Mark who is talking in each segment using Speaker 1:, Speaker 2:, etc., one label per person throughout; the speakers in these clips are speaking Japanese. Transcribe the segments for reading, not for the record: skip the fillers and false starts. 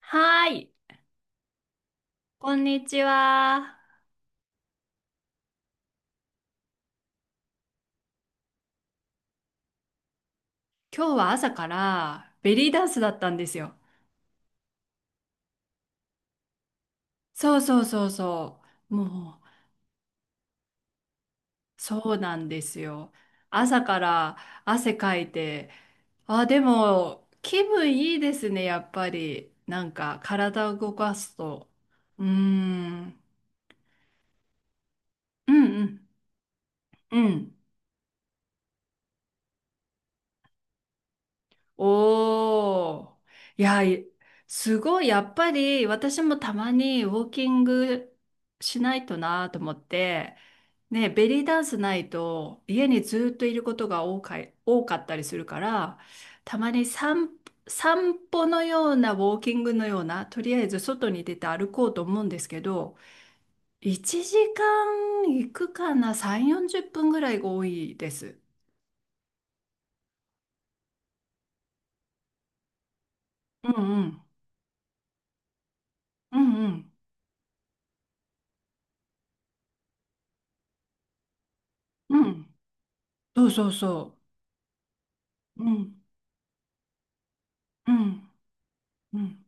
Speaker 1: はーい、こんにちは。今日は朝からベリーダンスだったんですよ。そうそうそうそう。もう、そうなんですよ。朝から汗かいて、あ、でも気分いいですね、やっぱり。なんか体を動かすと。うーん。うんうん。うん。おー。いや、いすごい、やっぱり私もたまにウォーキングしないとなと思って、ね、ベリーダンスないと家にずっといることが多かったりするから、たまに散、散歩のようなウォーキングのような、とりあえず外に出て歩こうと思うんですけど、1時間行くかな、3、40分ぐらいが多いです。うんうん。うんうん。うん。そうそうそう。うん、うん、うん、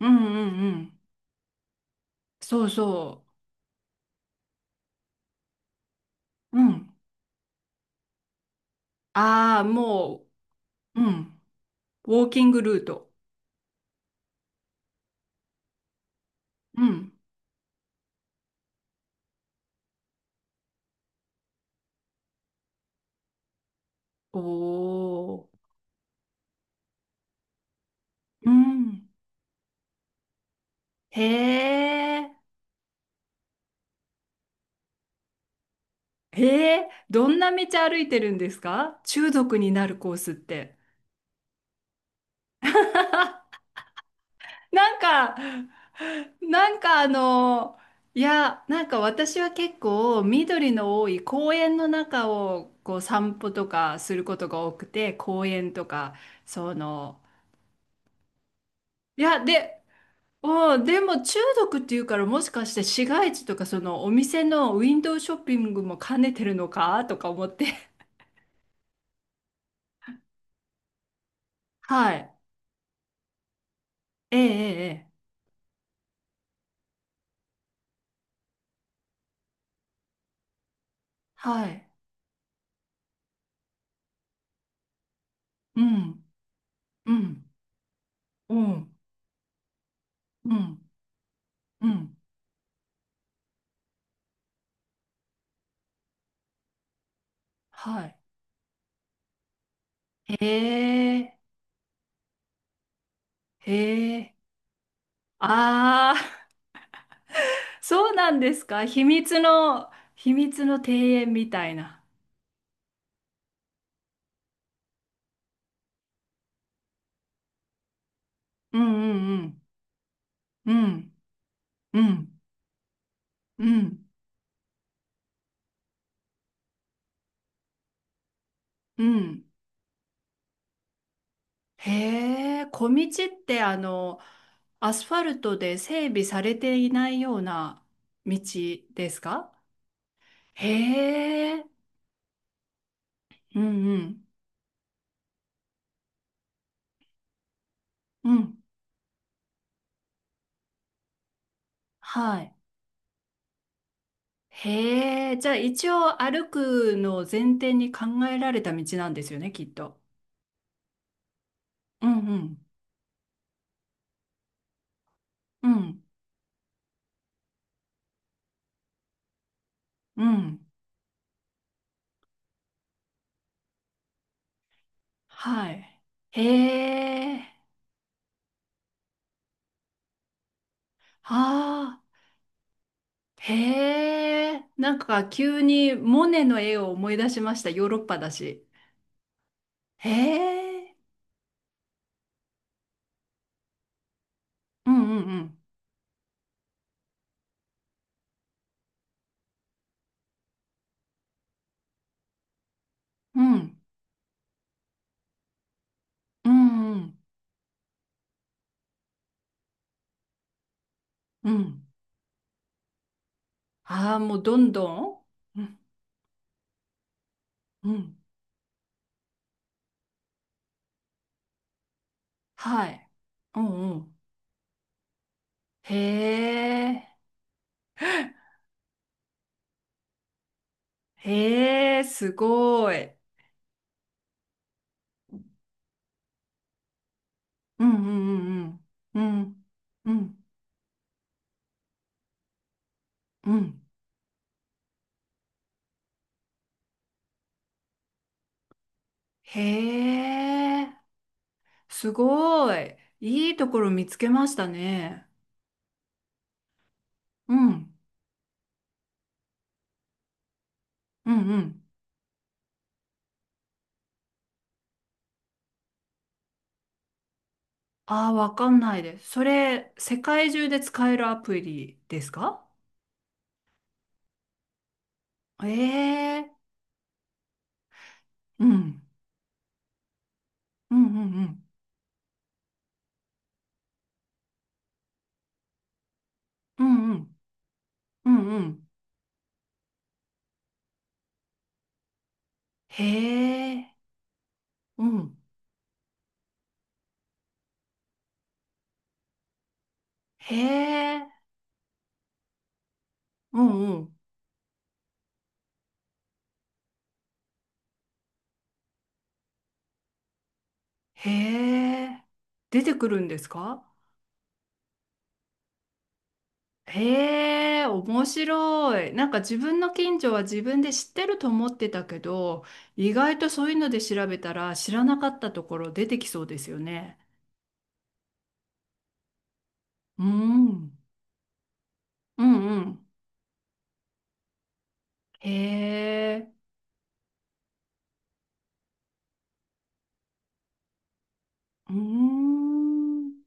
Speaker 1: うん、うん、うん。そうそう。うん。ああ、もう、うん。ウォーキングルート。うん。おー。うん。へえ。へえ。どんな道歩いてるんですか？中毒になるコースって。なんか、なんかあの、なんか私は結構緑の多い公園の中をこう散歩とかすることが多くて、公園とか、その、で、お、でも中毒っていうからもしかして市街地とかそのお店のウィンドウショッピングも兼ねてるのかとか思って。はい。ええええ。ええはい。うん。うん。うん。うん。うん。はい。へえ。へえ。ああ、そうなんですか。秘密の、秘密の庭園みたいな。うんうんうん。うん。うん。うん。うん。へえ、小道ってあの、アスファルトで整備されていないような道ですか？へえ、うんうん、うん、はい。へえ、じゃあ一応歩くのを前提に考えられた道なんですよね、きっと。うんうん、うん、うん、はい。へえ、ああ、へえ、なんか急にモネの絵を思い出しました、ヨーロッパだし。へえ。うんうんうん。うん。うんうん。ああー、もうどんどん。うんうん。はい。うんうん。へえ。へえ、すごい。うんうんうんうん。うん。うん。うん。へえ。すごい。いいところ見つけましたね。うん。うんうん。ああ、わかんないです。それ、世界中で使えるアプリですか？ええ。うん。うんうんうん。うんうん。うんうん。へえ。うん。へえ。うんうん。へえ。出てくるんですか？へえ、面白い。なんか自分の近所は自分で知ってると思ってたけど、意外とそういうので調べたら知らなかったところ出てきそうですよね。うん。うんうん。へえ。うーん。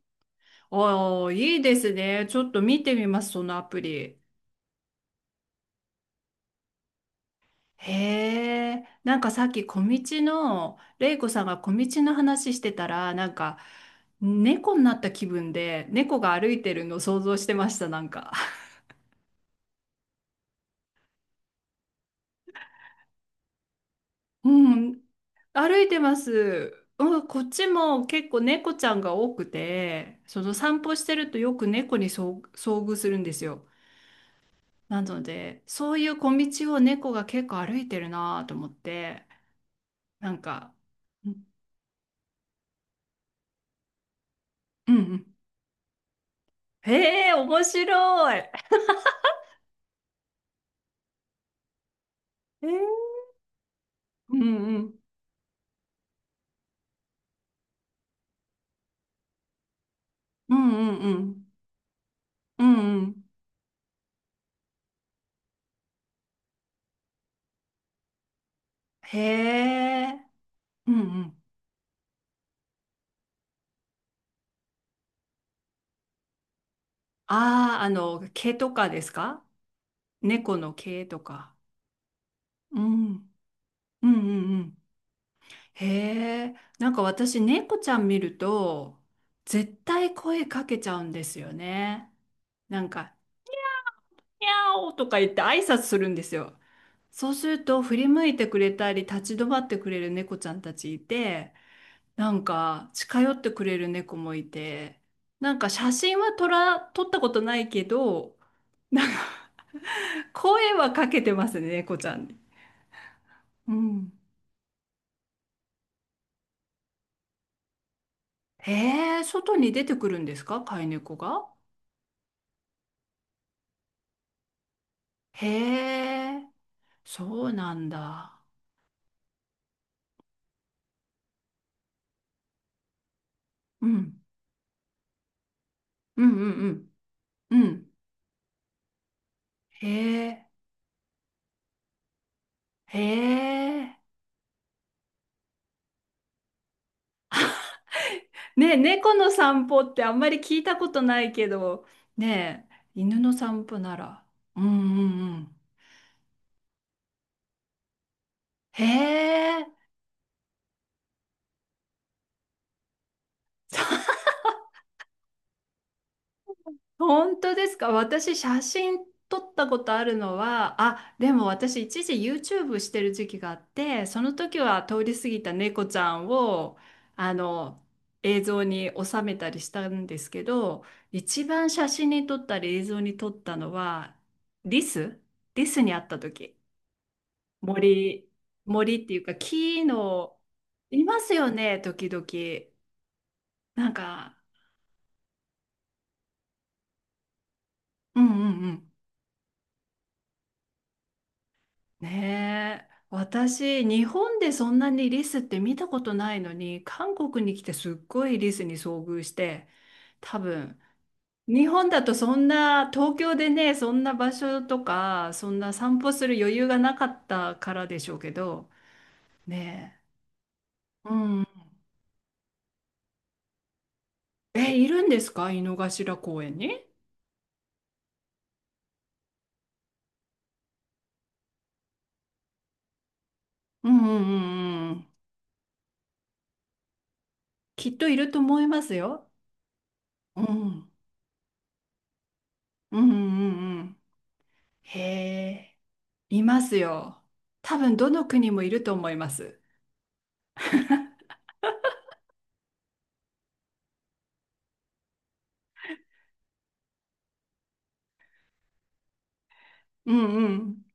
Speaker 1: ああ、いいですね。ちょっと見てみます、そのアプリ。へえ、なんかさっき小道の、玲子さんが小道の話してたら、なんか猫になった気分で、猫が歩いてるのを想像してました、なんか。うん、歩いてます。うん、こっちも結構猫ちゃんが多くて、その散歩してるとよく猫に遭遇するんですよ。なので、そういう小道を猫が結構歩いてるなと思って、なんか、うんうんうん。へえ、面白い。へえ。うんうん。うんうんうん。うんうん。へえ。うんうん。ああ、あの、毛とかですか？猫の毛とか。うん。うんうんうん。へえ。なんか私、猫ちゃん見ると、絶対声かけちゃうんですよね。なんか、にゃおとか言って挨拶するんですよ。そうすると振り向いてくれたり立ち止まってくれる猫ちゃんたちいて、なんか近寄ってくれる猫もいて、なんか写真は撮ら、撮ったことないけど、なんか声はかけてますね、猫ちゃんに。うん。へえ、外に出てくるんですか、飼い猫が。へえ、そうなんだ。うん。うんうんうん。うん。へえ、へえ。ねえ、猫の散歩ってあんまり聞いたことないけど、ねえ、犬の散歩なら。うんうんうん。へえ。本当ですか？私写真撮ったことあるのは、あ、でも私一時 YouTube してる時期があって、その時は通り過ぎた猫ちゃんをあの映像に収めたりしたんですけど、一番写真に撮ったり映像に撮ったのはリス、リスに会った時、森森っていうか木の、いますよね時々、なんか、うんうんうん。ねえ、私、日本でそんなにリスって見たことないのに、韓国に来てすっごいリスに遭遇して、多分、日本だとそんな、東京でね、そんな場所とか、そんな散歩する余裕がなかったからでしょうけど、ねえ、うん。え、いるんですか井の頭公園に？うんうんうんうん。きっといると思いますよ。うん。うんうんうんうん。へえ。いますよ。多分どの国もいると思います。うんうん。